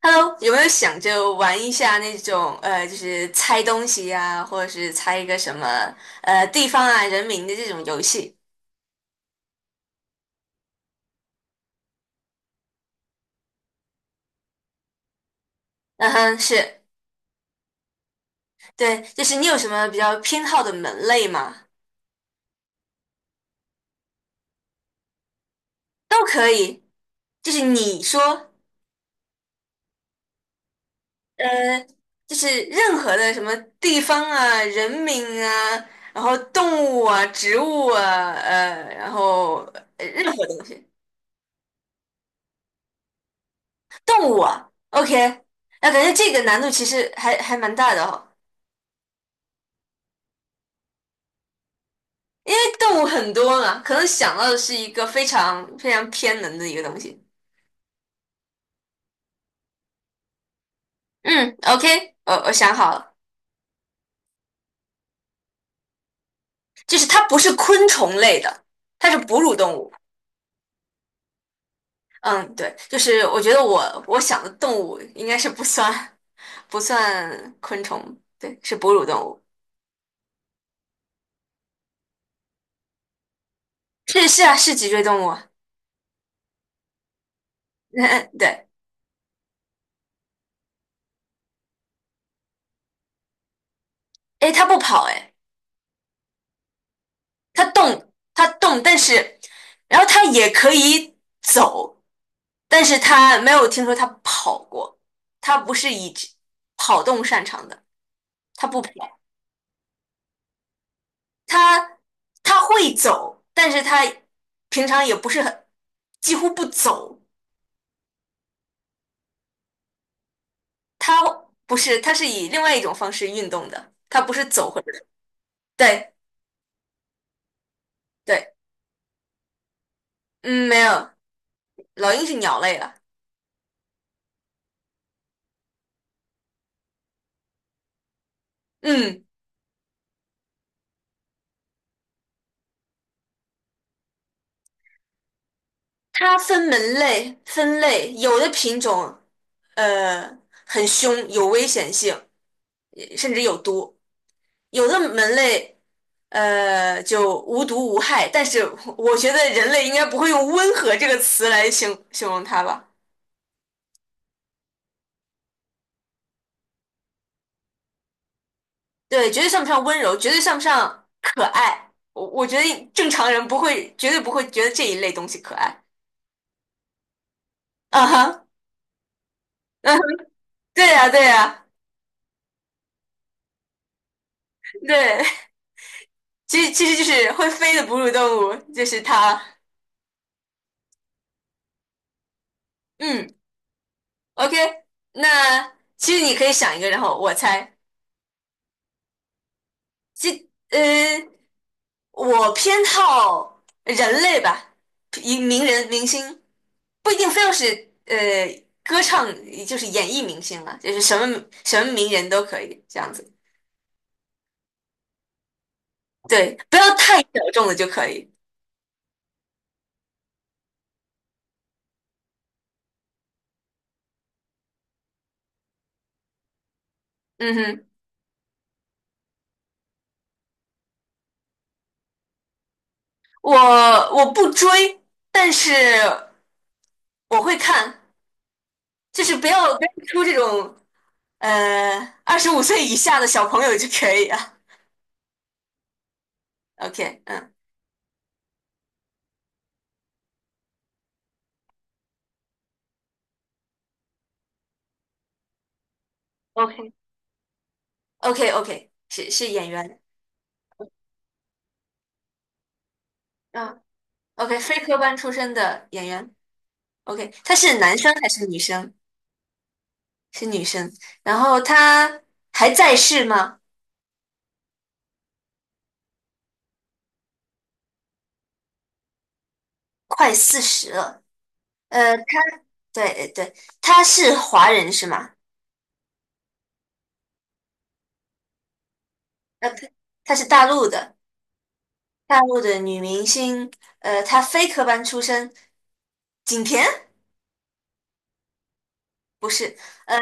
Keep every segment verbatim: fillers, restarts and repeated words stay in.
Hello，有没有想着玩一下那种呃，就是猜东西呀、或者是猜一个什么呃地方啊、人名的这种游戏？嗯哼，是，对，就是你有什么比较偏好的门类吗？都可以，就是你说呃，就是任何的什么地方啊、人名啊，然后动物啊、植物啊，呃，然后呃任何东西，动物啊，OK，那感觉这个难度其实还还蛮大的哦。因为动物很多嘛，可能想到的是一个非常非常偏门的一个东西。嗯，OK，我我想好了，就是它不是昆虫类的，它是哺乳动物。嗯，对，就是我觉得我我想的动物应该是不算不算昆虫，对，是哺乳动物。是是啊，是脊椎动物啊。嗯，对。诶，它不跑，诶，它动，它动，但是然后它也可以走。但是他没有听说他跑过，他不是以跑动擅长的，他不跑，他他会走，但是他平常也不是很，几乎不走，他不是，他是以另外一种方式运动的，他不是走或者对对，嗯，没有，老鹰是鸟类了，嗯，它分门类分类，有的品种呃很凶，有危险性，甚至有毒。有的门类，呃，就无毒无害，但是我觉得人类应该不会用温和这个词来形形容它吧？对，绝对算不上温柔，绝对算不上可爱。我我觉得正常人不会，绝对不会觉得这一类东西可爱。啊哈，嗯对呀，对呀，对，其实其实就是会飞的哺乳动物，就是它。嗯，OK，那其实你可以想一个，然后我猜，其呃。我偏好人类吧，一名人明星不一定非要是呃歌唱，就是演艺明星了，就是什么什么名人都可以这样子。对，不要太小众的就可以。嗯哼，我我不追，但是我会看，就是不要跟出这种呃二十五岁以下的小朋友就可以啊。OK，嗯，OK，OK，OK，是是演员，嗯，OK，非科班出身的演员。OK，他是男生还是女生？是女生。然后他还在世吗？快四十了。呃，他对对，他是华人是吗？呃，他他是大陆的，大陆的女明星。呃，她非科班出身，景甜不是。呃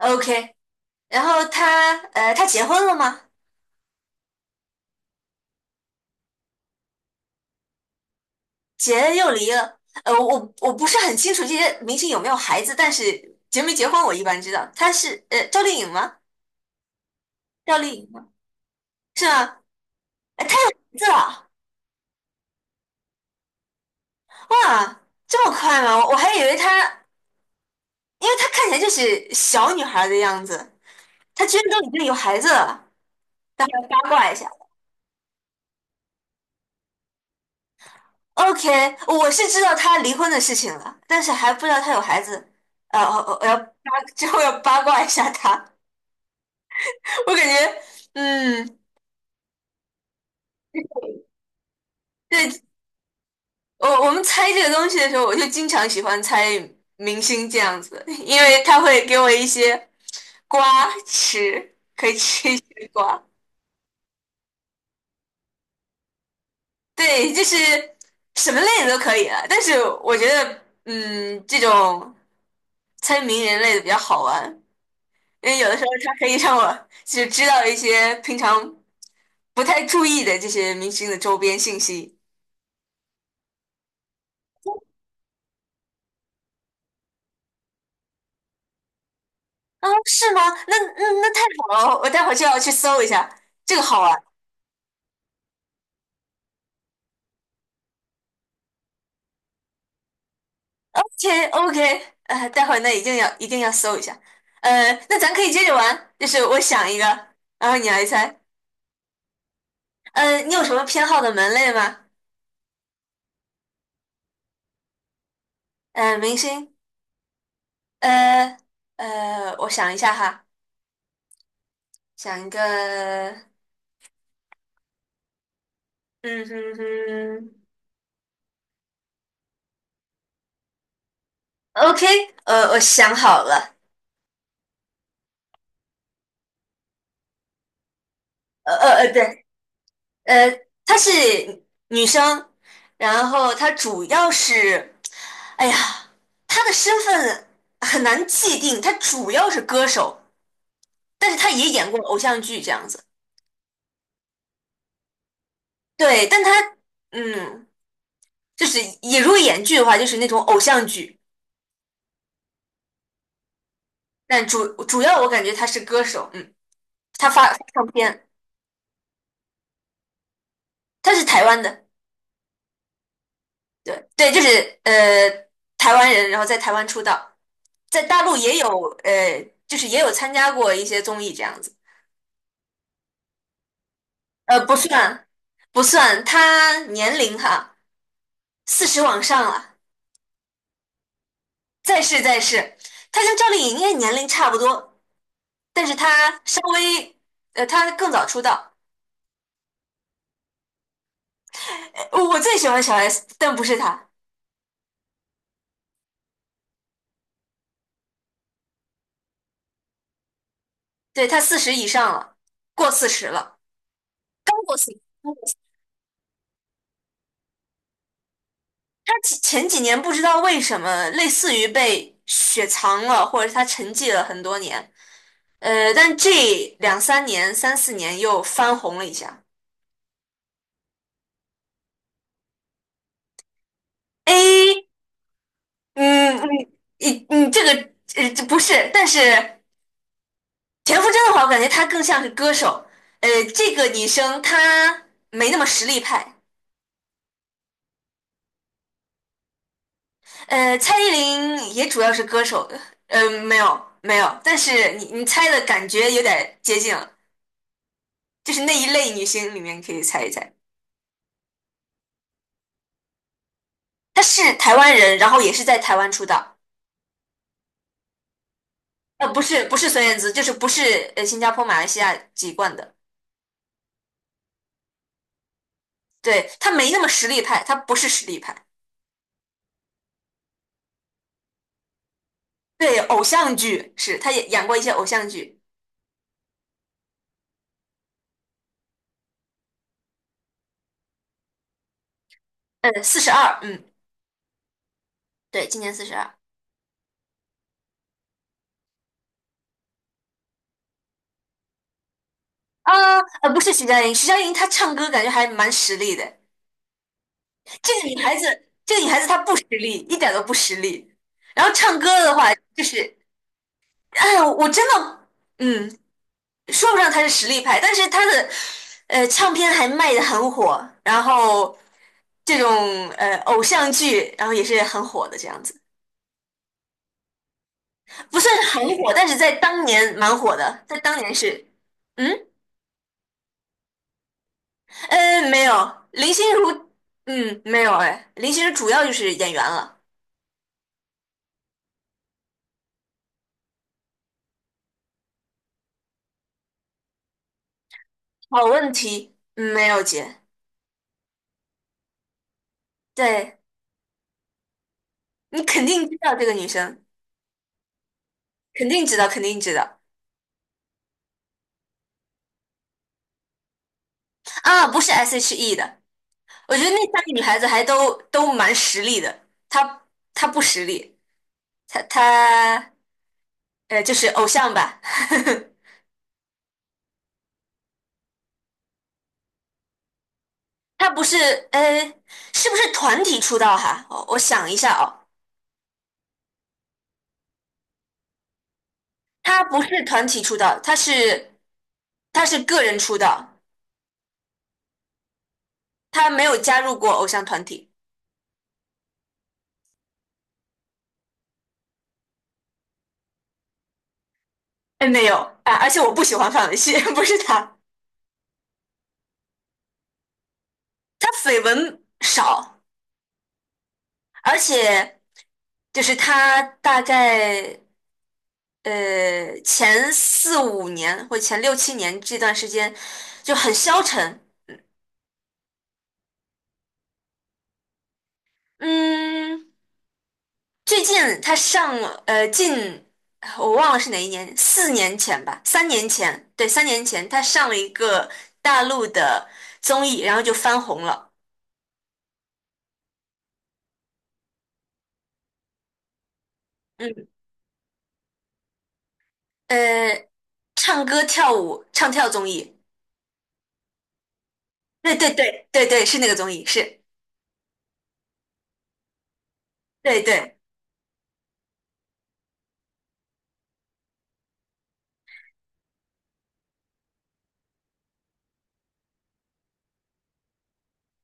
，OK，然后她呃，她结婚了吗？结又离了。呃，我我不是很清楚这些明星有没有孩子，但是结没结婚我一般知道。她是呃赵丽颖吗？赵丽颖吗？是吗？哎，她有名字了！哇，这么快吗？我我还以为她，因为她看起来就是小女孩的样子，她居然都已经有孩子了，来八卦一下。OK，我是知道她离婚的事情了，但是还不知道她有孩子。呃，我我要八之后要八卦一下她。我感觉，嗯，对，我我们猜这个东西的时候，我就经常喜欢猜明星这样子，因为他会给我一些瓜吃，可以吃一些瓜。对，就是什么类的都可以了，但是我觉得，嗯，这种猜名人类的比较好玩，因为有的时候它可以让我就是知道一些平常不太注意的这些明星的周边信息。啊，是吗？那那那太好了，我待会儿就要去搜一下，这个好玩。OK OK，呃，待会儿那一定要一定要搜一下。呃，那咱可以接着玩，就是我想一个，然后你来猜。呃，你有什么偏好的门类吗？呃，明星。呃呃，我想一下哈，想一个，嗯哼哼，OK，呃，我想好了，呃呃呃，对，呃，她是女生，然后她主要是，哎呀，她的身份很难界定，她主要是歌手，但是她也演过偶像剧这样子，对，但她，嗯，就是也如果演剧的话，就是那种偶像剧，但主主要我感觉她是歌手，嗯，她发发唱片。他是台湾的，对对，就是呃台湾人，然后在台湾出道，在大陆也有呃，就是也有参加过一些综艺这样子，呃，不算不算，他年龄哈四十往上了，再是再是，他跟赵丽颖应该年龄差不多，但是他稍微呃他更早出道，呃我最喜欢小 S，但不是他，对他四十以上了，过四十了，刚过四十。他前前几年不知道为什么，类似于被雪藏了，或者是他沉寂了很多年。呃，但这两三年、三四年又翻红了一下。哎，嗯，你你你这个呃这不是，但是田馥甄的话，我感觉她更像是歌手。呃，这个女生她没那么实力派。呃，蔡依林也主要是歌手的。呃，没有没有，但是你你猜的感觉有点接近了，就是那一类女星里面可以猜一猜。他是台湾人，然后也是在台湾出道，呃，不是不是孙燕姿，就是不是呃新加坡、马来西亚籍贯的，对，他没那么实力派，他不是实力派，对，偶像剧是，他也演过一些偶像剧，嗯，四十二，嗯，对，今年四十二，啊，呃，不是徐佳莹，徐佳莹她唱歌感觉还蛮实力的，这个女孩子，这个女孩子她不实力，一点都不实力，然后唱歌的话就是，哎呀，我真的，嗯，说不上他是实力派，但是他的呃唱片还卖的很火，然后这种呃偶像剧，然后也是很火的这样子，不算很火，但是在当年蛮火的，在当年是，嗯呃没有林心如，嗯没有哎，林心如主要就是演员了。好问题，嗯没有姐，对你肯定知道这个女生，肯定知道，肯定知道啊，不是 S H E 的。我觉得那三个女孩子还都都蛮实力的，她她不实力，她她呃就是偶像吧，她不是呃是不是团体出道哈？我我想一下哦，她不是团体出道，她是她是个人出道，她没有加入过偶像团体，哎没有啊，而且我不喜欢范玮琪，不是她，她绯闻少，而且就是她大概。呃，前四五年或前六七年这段时间就很消沉。嗯，最近他上了呃近我忘了是哪一年，四年前吧，三年前，对，三年前他上了一个大陆的综艺，然后就翻红了。嗯，呃，唱歌跳舞唱跳综艺，对对对对对，是那个综艺，是，对对，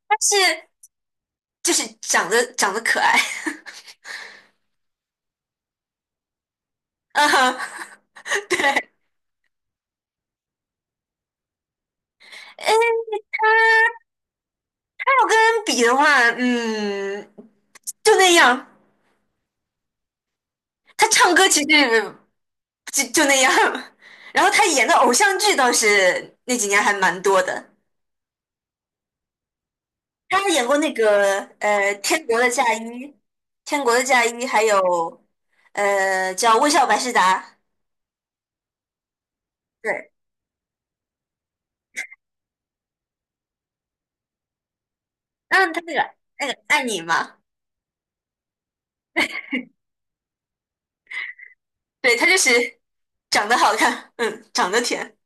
但是就是长得长得可爱，嗯哼，对。要跟人比的话，嗯，就那样。他唱歌其实就就那样，然后他演的偶像剧倒是那几年还蛮多的。他还演过那个呃《天国的嫁衣》，《天国的嫁衣》，还有呃叫《微笑百事达》。对，嗯，他那个那个爱你嘛，对，他就是长得好看，嗯，长得甜，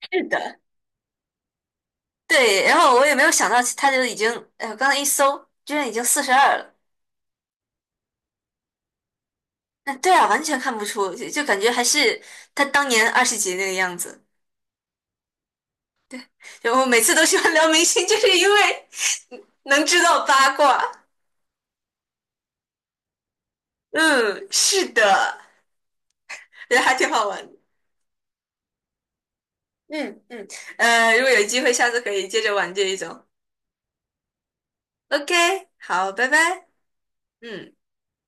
是的，对。然后我也没有想到他就已经，呃，刚才一搜，居然已经四十二了。嗯，对啊，完全看不出，就就感觉还是他当年二十几那个样子。就我每次都喜欢聊明星，就是因为能知道八卦。嗯，是的，觉得还挺好玩的嗯嗯，呃，如果有机会，下次可以接着玩这一种。OK，好，拜拜。嗯。